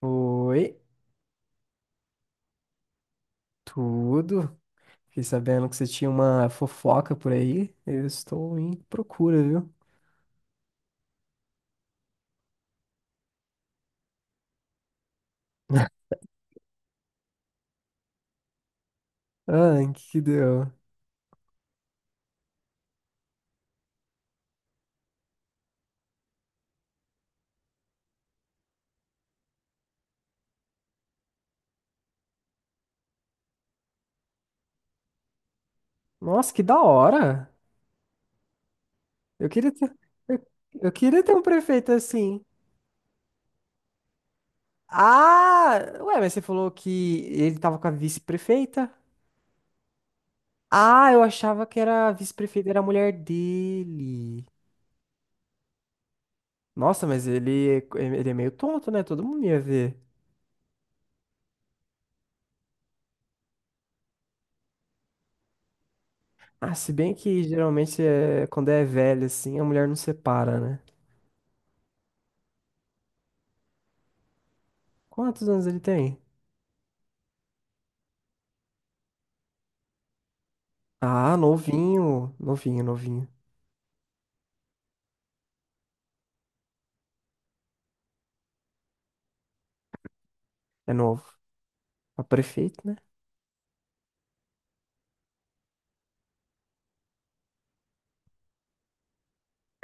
Oi, tudo? Fiquei sabendo que você tinha uma fofoca por aí. Eu estou em procura, viu? Ah, em que deu? Nossa, que da hora! Eu queria ter, eu, eu queria ter um prefeito assim. Ah, ué, mas você falou que ele tava com a vice-prefeita? Ah, eu achava que era a vice-prefeita, era a mulher dele. Nossa, mas ele é meio tonto, né? Todo mundo ia ver. Ah, se bem que geralmente é, quando é velho assim, a mulher não separa, né? Quantos anos ele tem? Ah, novinho. Novinho, novinho. É novo. É o prefeito, né?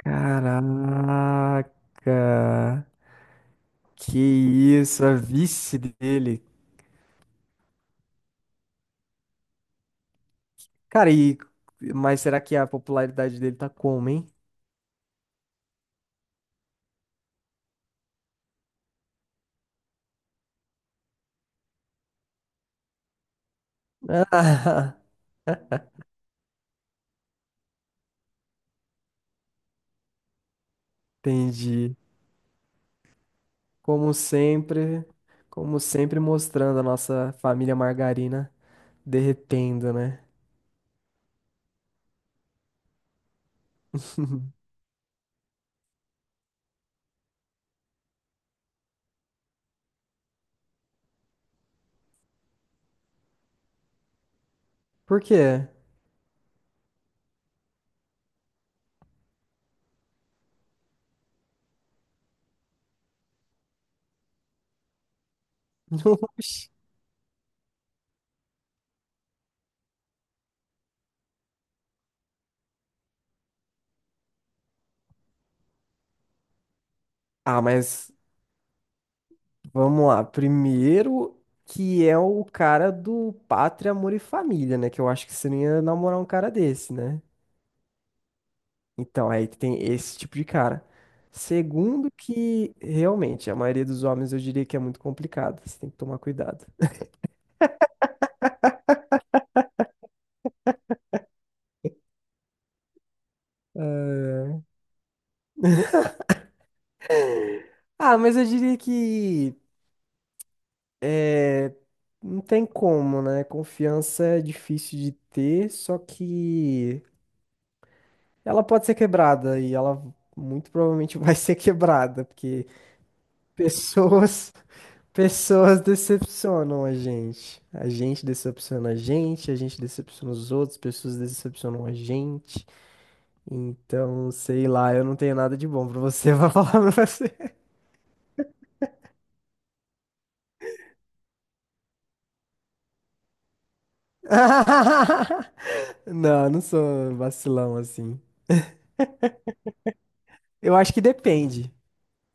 Caraca. Que isso, a vice dele. Cara, e... Mas será que a popularidade dele tá como, hein? Ah, entendi. Como sempre, como sempre mostrando a nossa família margarina derretendo, né? Por quê? Oxi. Ah, vamos lá. Primeiro, que é o cara do Pátria, Amor e Família, né? Que eu acho que você não ia namorar um cara desse, né? Então, aí tem esse tipo de cara. Segundo, que realmente a maioria dos homens eu diria que é muito complicado. Você tem que tomar cuidado. É. Ah, mas eu diria que não tem como, né? Confiança é difícil de ter, só que ela pode ser quebrada e ela muito provavelmente vai ser quebrada, porque pessoas, pessoas decepcionam a gente. A gente decepciona os outros, pessoas decepcionam a gente. Então, sei lá, eu não tenho nada de bom pra você, vou falar pra você. Não, não sou vacilão assim. Eu acho que depende.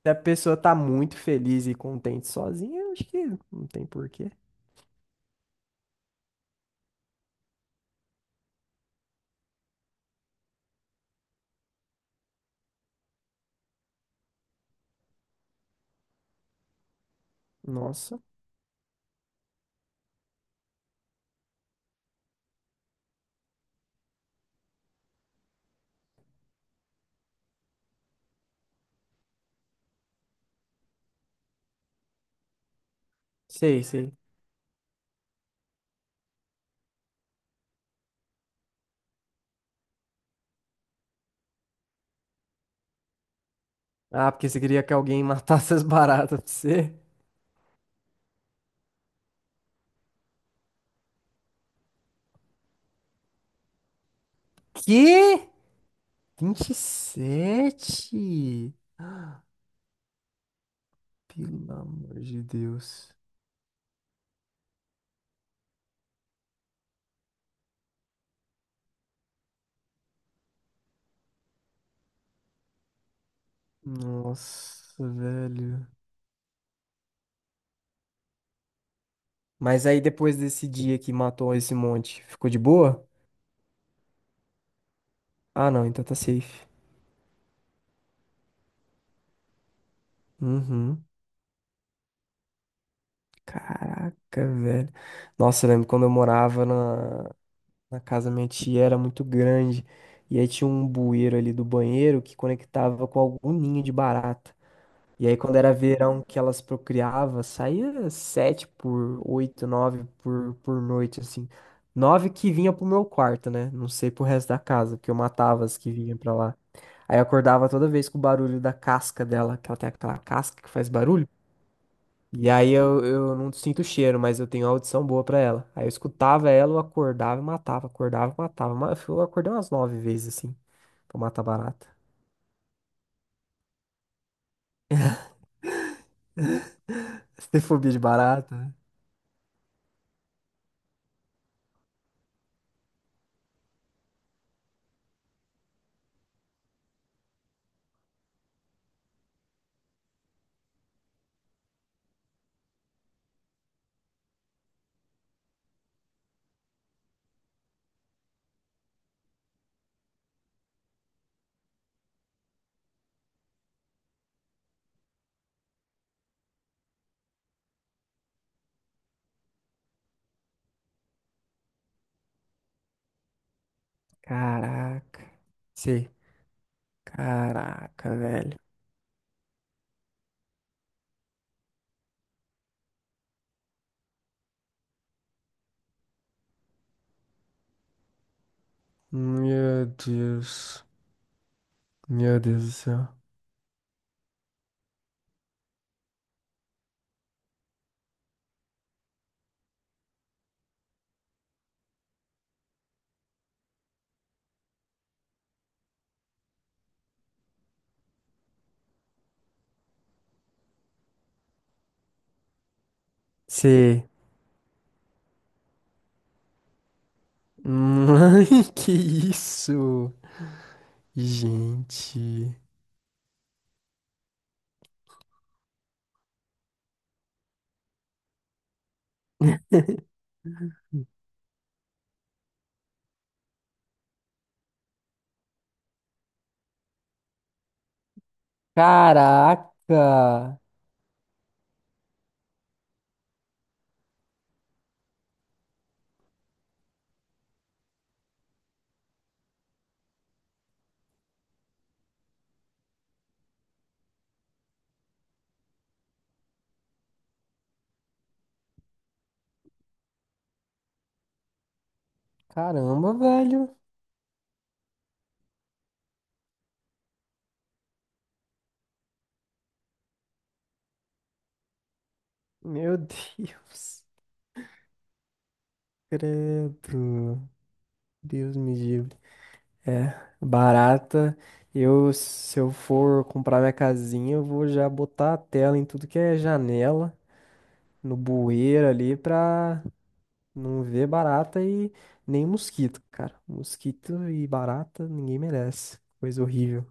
Se a pessoa tá muito feliz e contente sozinha, eu acho que não tem porquê. Nossa. Sei, sei. Ah, porque você queria que alguém matasse as baratas pra você? Que? 27? Pelo amor de Deus. Nossa, velho. Mas aí depois desse dia que matou esse monte, ficou de boa? Ah, não, então tá safe. Uhum. Caraca, velho. Nossa, eu lembro quando eu morava na casa da minha tia, era muito grande. E aí tinha um bueiro ali do banheiro que conectava com algum ninho de barata. E aí, quando era verão que elas procriavam, saía sete por oito, nove por noite, assim. Nove que vinha pro meu quarto, né? Não sei pro resto da casa, porque eu matava as que vinham pra lá. Aí eu acordava toda vez com o barulho da casca dela, que ela tem aquela casca que faz barulho. E aí eu não sinto o cheiro, mas eu tenho audição boa pra ela. Aí eu escutava ela, eu acordava e matava, acordava e matava. Eu acordei umas nove vezes, assim, pra matar barata. Você tem fobia de barata? Né? Caraca. Sim. Caraca, velho. Meu Deus. Meu Deus do céu. Você. Mãe, que isso? Gente. Caraca! Caramba, velho. Meu Deus. Credo. Deus me livre. É, barata. Eu, se eu for comprar minha casinha, eu vou já botar a tela em tudo que é janela, no bueiro ali, pra não vê barata e nem mosquito, cara. Mosquito e barata ninguém merece. Coisa horrível.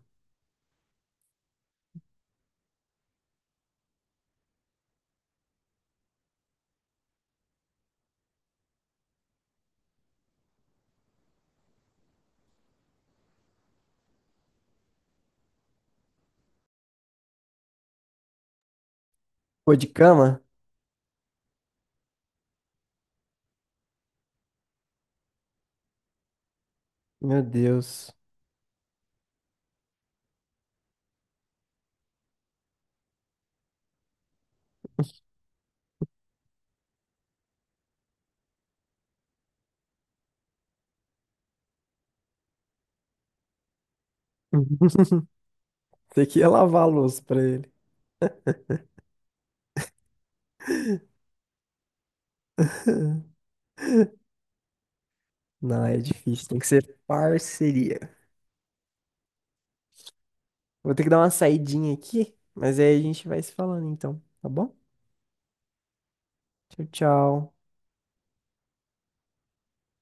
Pô, de cama? Meu Deus. Tem que ia lavar a louça pra ele. Não, é difícil. Tem que ser parceria. Vou ter que dar uma saidinha aqui, mas aí a gente vai se falando então, tá bom? Tchau, tchau.